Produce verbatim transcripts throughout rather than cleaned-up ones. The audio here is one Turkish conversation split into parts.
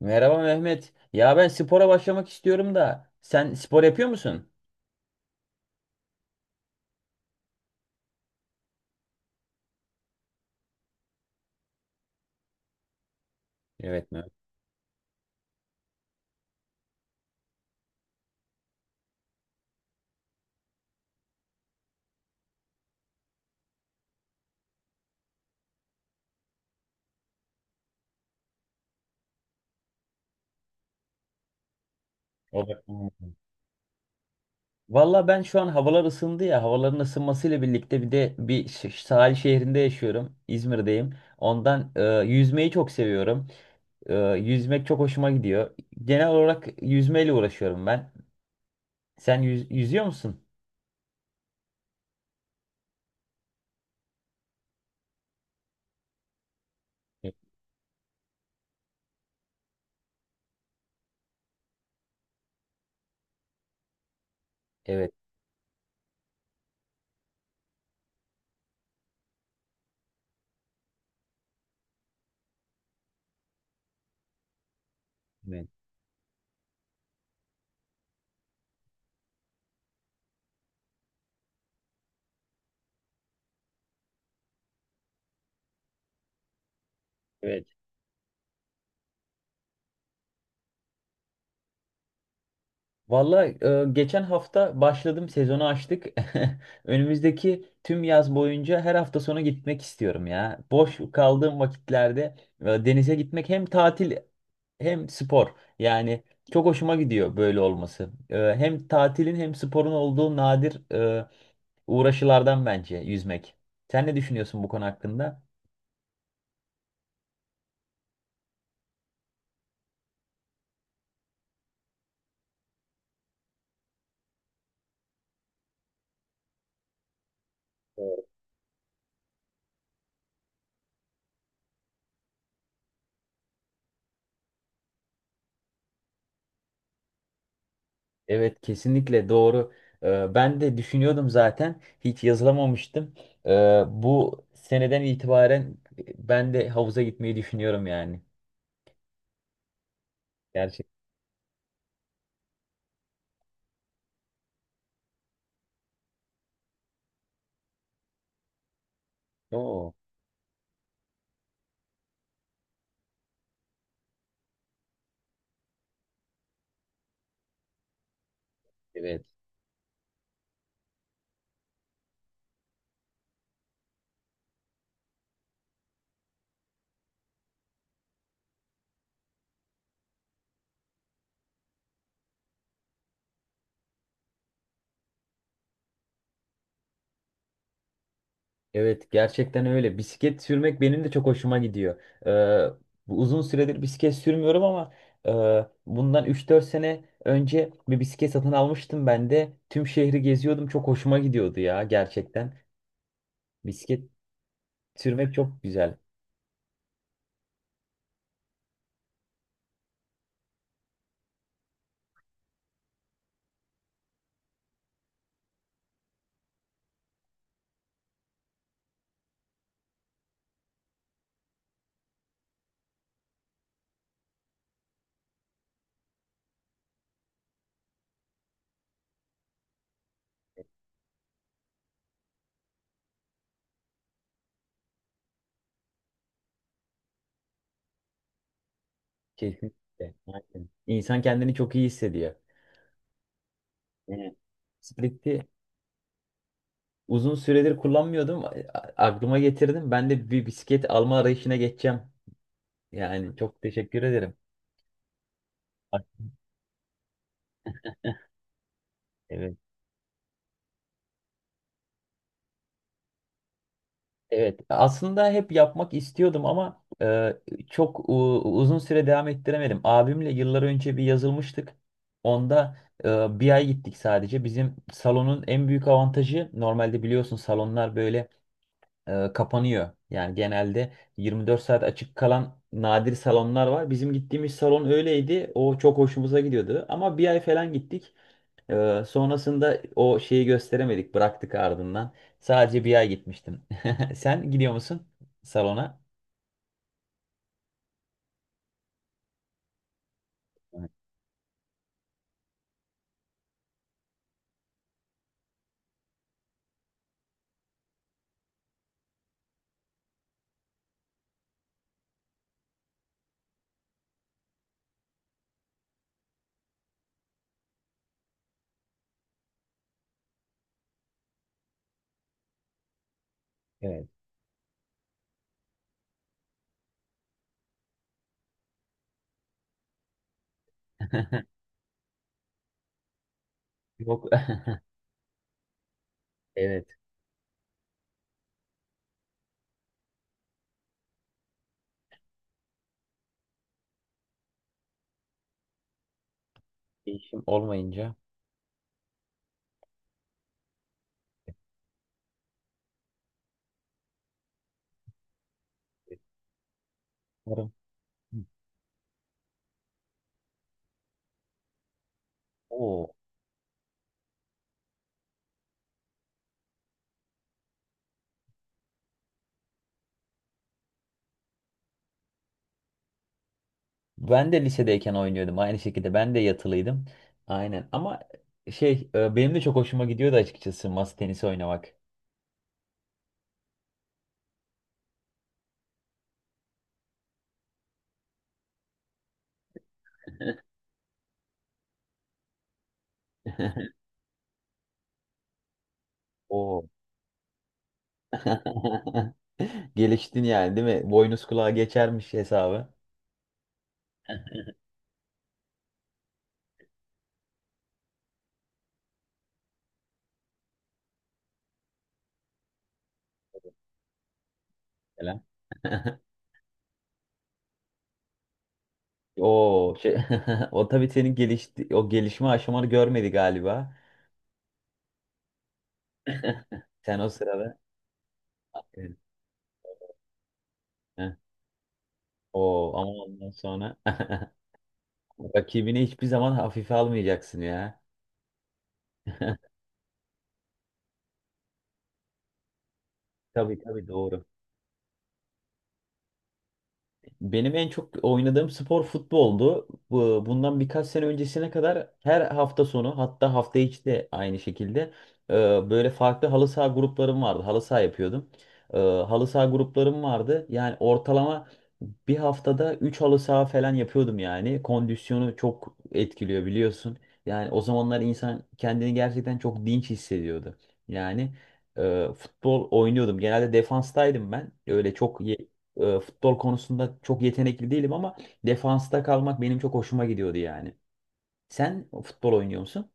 Merhaba Mehmet. Ya ben spora başlamak istiyorum da sen spor yapıyor musun? Evet Mehmet. O, valla ben şu an havalar ısındı ya. Havaların ısınmasıyla birlikte bir de bir ş- sahil şehrinde yaşıyorum. İzmir'deyim. Ondan e, yüzmeyi çok seviyorum. E, yüzmek çok hoşuma gidiyor. Genel olarak yüzmeyle uğraşıyorum ben. Sen yüz- yüzüyor musun? Evet. Evet. Evet. Valla geçen hafta başladım, sezonu açtık. Önümüzdeki tüm yaz boyunca her hafta sonu gitmek istiyorum ya. Boş kaldığım vakitlerde e, denize gitmek hem tatil hem spor. Yani çok hoşuma gidiyor böyle olması. E, hem tatilin hem sporun olduğu nadir e, uğraşılardan bence yüzmek. Sen ne düşünüyorsun bu konu hakkında? Evet, kesinlikle doğru. Ee, Ben de düşünüyordum, zaten hiç yazılamamıştım. Ee, Bu seneden itibaren ben de havuza gitmeyi düşünüyorum yani. Gerçekten. Oo. Evet. Evet, gerçekten öyle. Bisiklet sürmek benim de çok hoşuma gidiyor. Ee, Bu uzun süredir bisiklet sürmüyorum ama e, bundan üç dört sene önce bir bisiklet satın almıştım ben de. Tüm şehri geziyordum. Çok hoşuma gidiyordu ya, gerçekten. Bisiklet sürmek çok güzel. Kesinlikle. Aynen. İnsan kendini çok iyi hissediyor. Evet. Split'i uzun süredir kullanmıyordum. A- Aklıma getirdim. Ben de bir bisiklet alma arayışına geçeceğim. Yani çok teşekkür ederim. Bak, evet. Evet. Aslında hep yapmak istiyordum ama e, çok u- uzun süre devam ettiremedim. Abimle yıllar önce bir yazılmıştık. Onda e, bir ay gittik sadece. Bizim salonun en büyük avantajı, normalde biliyorsun salonlar böyle e, kapanıyor. Yani genelde yirmi dört saat açık kalan nadir salonlar var. Bizim gittiğimiz salon öyleydi. O çok hoşumuza gidiyordu. Ama bir ay falan gittik. E, sonrasında o şeyi gösteremedik. Bıraktık ardından. Sadece bir ay gitmiştim. Sen gidiyor musun salona? Evet. Yok. Evet. Değişim olmayınca. Umarım. Oo. Ben de lisedeyken oynuyordum aynı şekilde. Ben de yatılıydım. Aynen ama şey e, benim de çok hoşuma gidiyordu açıkçası masa tenisi oynamak. Oo. Geliştin yani, değil mi? Boynuz kulağa geçermiş hesabı. Falan. Oo, şey, o tabii senin gelişti, o gelişme aşamanı görmedi galiba. Sen o sırada. Aferin. Heh. Oo, ama ondan sonra rakibini hiçbir zaman hafife almayacaksın ya. Tabii tabii, doğru. Benim en çok oynadığım spor futboldu. Bu- Bundan birkaç sene öncesine kadar her hafta sonu, hatta hafta içi de aynı şekilde e, böyle farklı halı saha gruplarım vardı. Halı saha yapıyordum. E, Halı saha gruplarım vardı. Yani ortalama bir haftada üç halı saha falan yapıyordum yani. Kondisyonu çok etkiliyor biliyorsun. Yani o zamanlar insan kendini gerçekten çok dinç hissediyordu. Yani e, futbol oynuyordum. Genelde defanstaydım ben. Öyle çok e, futbol konusunda çok yetenekli değilim ama defansta kalmak benim çok hoşuma gidiyordu yani. Sen futbol oynuyor musun?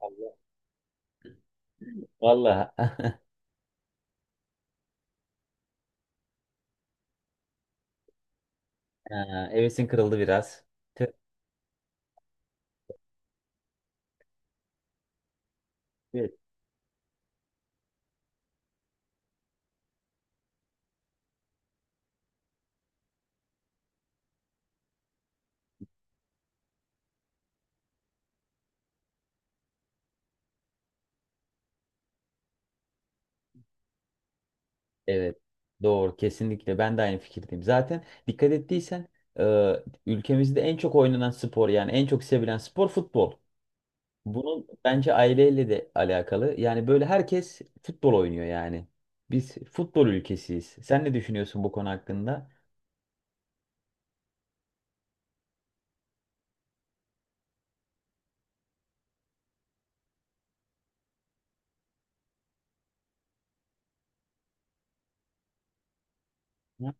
Allah. Vallahi. Ha, hevesin kırıldı biraz. Tüh. Evet. Evet. Doğru. Kesinlikle. Ben de aynı fikirdeyim. Zaten dikkat ettiysen e, ülkemizde en çok oynanan spor, yani en çok sevilen spor futbol. Bunun bence aileyle de alakalı. Yani böyle herkes futbol oynuyor yani. Biz futbol ülkesiyiz. Sen ne düşünüyorsun bu konu hakkında? Hı?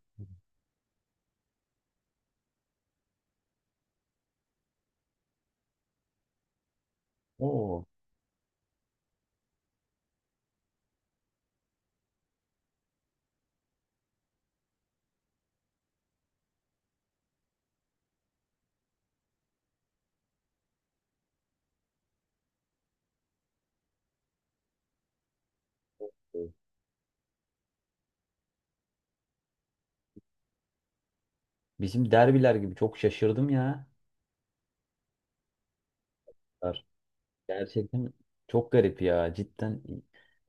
Oo. Bizim derbiler gibi, çok şaşırdım ya. Gerçekten çok garip ya. Cidden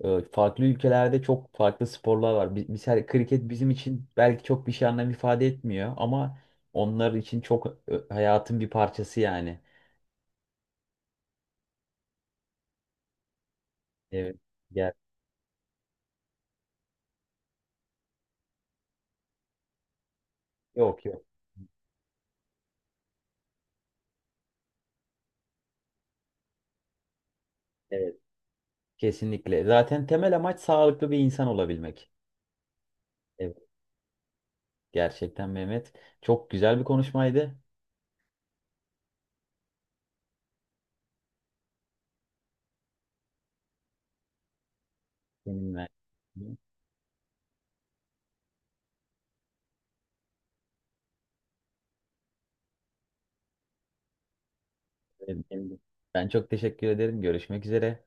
e, farklı ülkelerde çok farklı sporlar var. Bi- Mesela kriket bizim için belki çok bir şey anlam ifade etmiyor ama onlar için çok e, hayatın bir parçası yani. Evet. Ger- Yok yok. Evet. Kesinlikle. Zaten temel amaç sağlıklı bir insan olabilmek. Evet. Gerçekten Mehmet. Çok güzel bir konuşmaydı. Seninle. Evet, benim de. Ben çok teşekkür ederim. Görüşmek üzere.